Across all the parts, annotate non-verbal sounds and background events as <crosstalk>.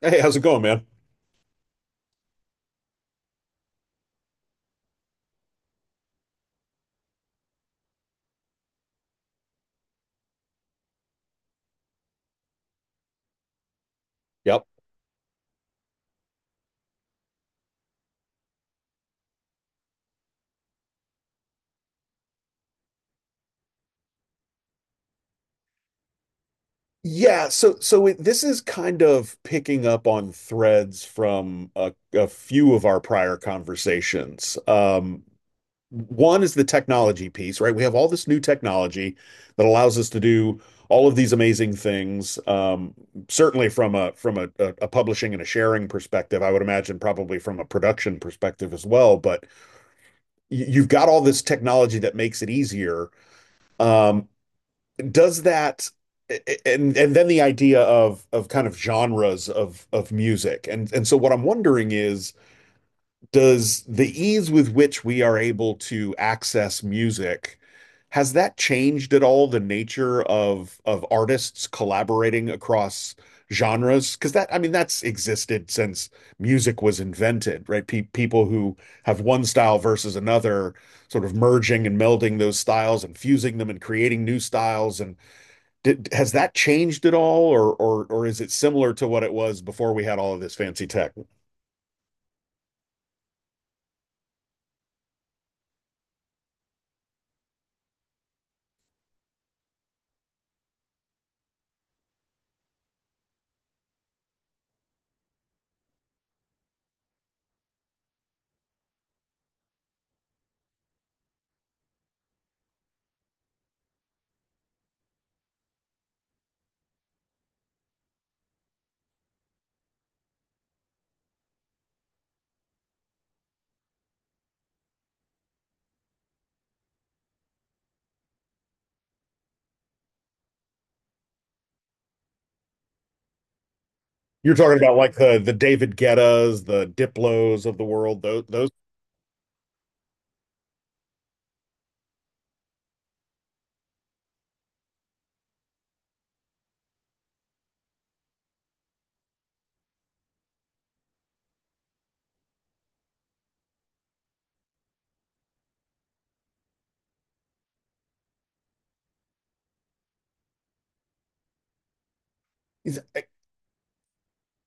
Hey, how's it going, man? Yep. Yeah, this is kind of picking up on threads from a few of our prior conversations. One is the technology piece, right? We have all this new technology that allows us to do all of these amazing things. Certainly from a from a publishing and a sharing perspective, I would imagine probably from a production perspective as well. But you've got all this technology that makes it easier. Um, does that, and then the idea of kind of genres of music. And so what I'm wondering is does the ease with which we are able to access music, has that changed at all the nature of artists collaborating across genres? Because that, I mean, that's existed since music was invented, right? Pe People who have one style versus another, sort of merging and melding those styles and fusing them and creating new styles and has that changed at all, or or is it similar to what it was before we had all of this fancy tech? You're talking about like the David Guettas, the Diplos of the world. Those those.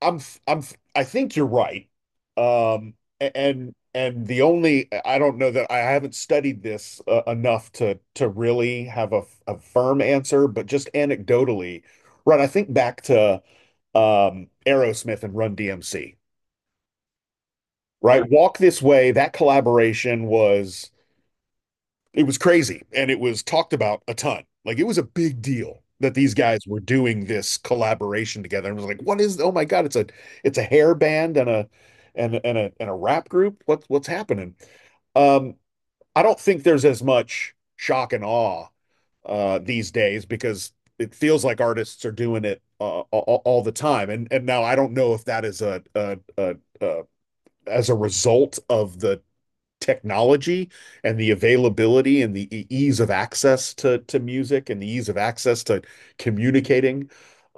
I'm I'm I think you're right. Um, and the only, I don't know, that I haven't studied this enough to really have a firm answer, but just anecdotally, right? I think back to Aerosmith and Run DMC, right? Walk This Way, that collaboration was, it was crazy and it was talked about a ton. Like it was a big deal that these guys were doing this collaboration together. And it was like, what is, oh my God, it's a hair band and a and a rap group. What's happening? Um, I don't think there's as much shock and awe these days because it feels like artists are doing it all the time. And now I don't know if that is a as a result of the technology and the availability and the ease of access to music and the ease of access to communicating,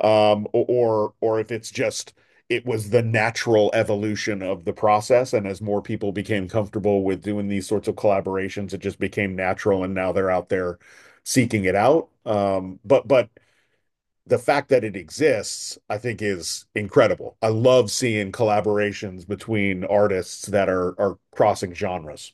or if it's just, it was the natural evolution of the process, and as more people became comfortable with doing these sorts of collaborations, it just became natural, and now they're out there seeking it out. But the fact that it exists, I think, is incredible. I love seeing collaborations between artists that are crossing genres.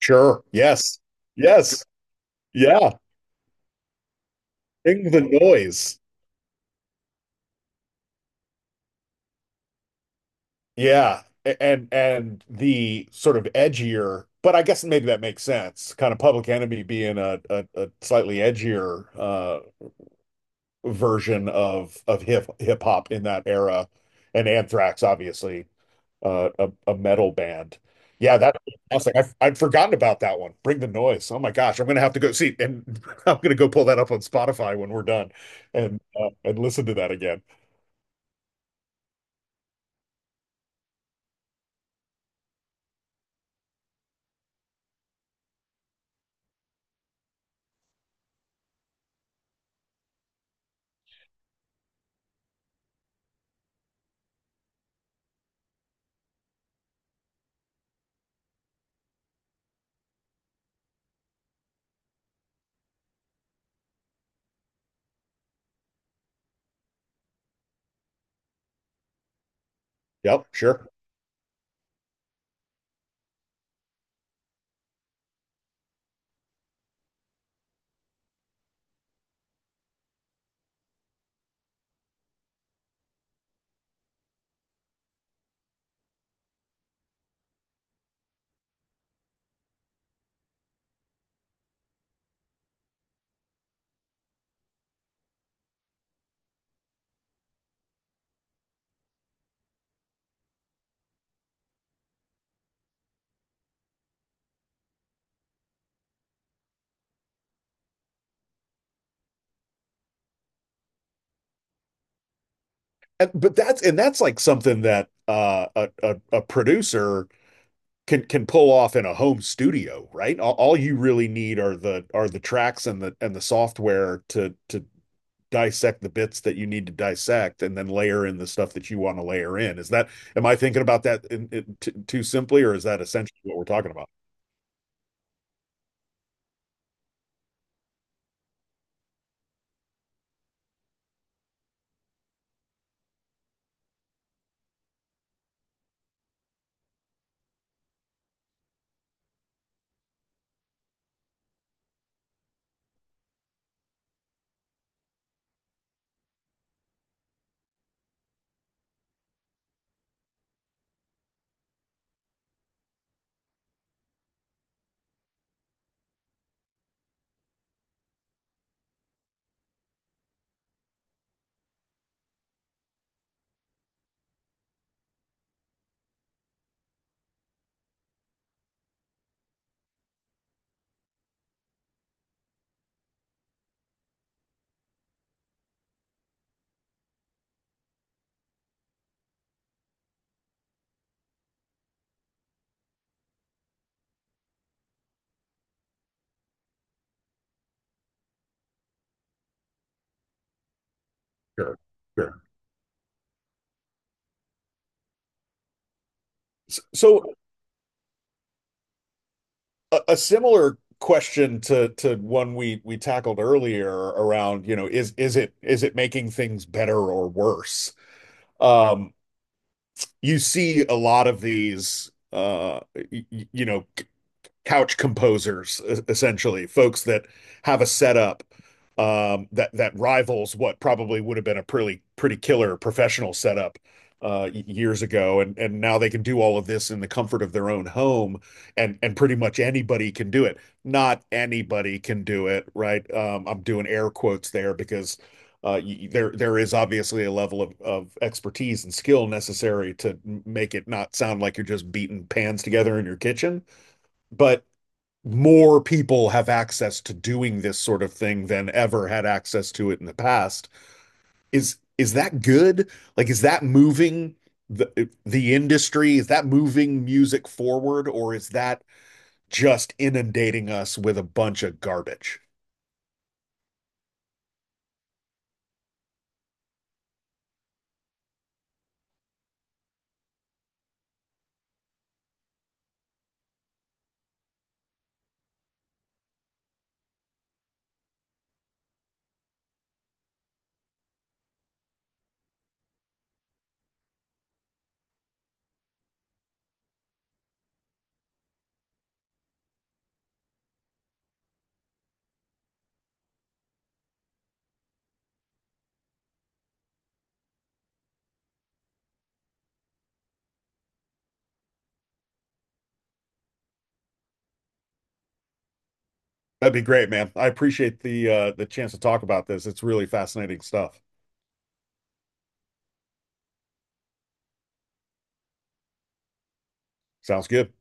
Sure. Yes. Yes. Yeah. Thing the noise. Yeah. And the sort of edgier, but I guess maybe that makes sense. Kind of Public Enemy being a a slightly edgier version of hip hip hop in that era, and Anthrax obviously, a a metal band. Yeah, that's fantastic. I'd forgotten about that one. Bring the noise. Oh my gosh, I'm gonna have to go see, and <laughs> I'm gonna go pull that up on Spotify when we're done, and listen to that again. Yep, sure. And, but that's, and that's like something that a producer can pull off in a home studio, right? All you really need are the tracks and the software to dissect the bits that you need to dissect and then layer in the stuff that you want to layer in. Is that, am I thinking about that in, t too simply, or is that essentially what we're talking about? Sure, sure. So, a similar question to one we tackled earlier around, you know, is it, is it making things better or worse? Um, You see a lot of these, you you know, couch composers, essentially, folks that have a setup that that rivals what probably would have been a pretty pretty killer professional setup years ago, and now they can do all of this in the comfort of their own home, and pretty much anybody can do it. Not anybody can do it, right? I'm doing air quotes there because. Uh, there is obviously a level of expertise and skill necessary to make it not sound like you're just beating pans together in your kitchen. But more people have access to doing this sort of thing than ever had access to it in the past. Is that good? Like, is that moving the industry? Is that moving music forward, or is that just inundating us with a bunch of garbage? That'd be great, man. I appreciate the chance to talk about this. It's really fascinating stuff. Sounds good.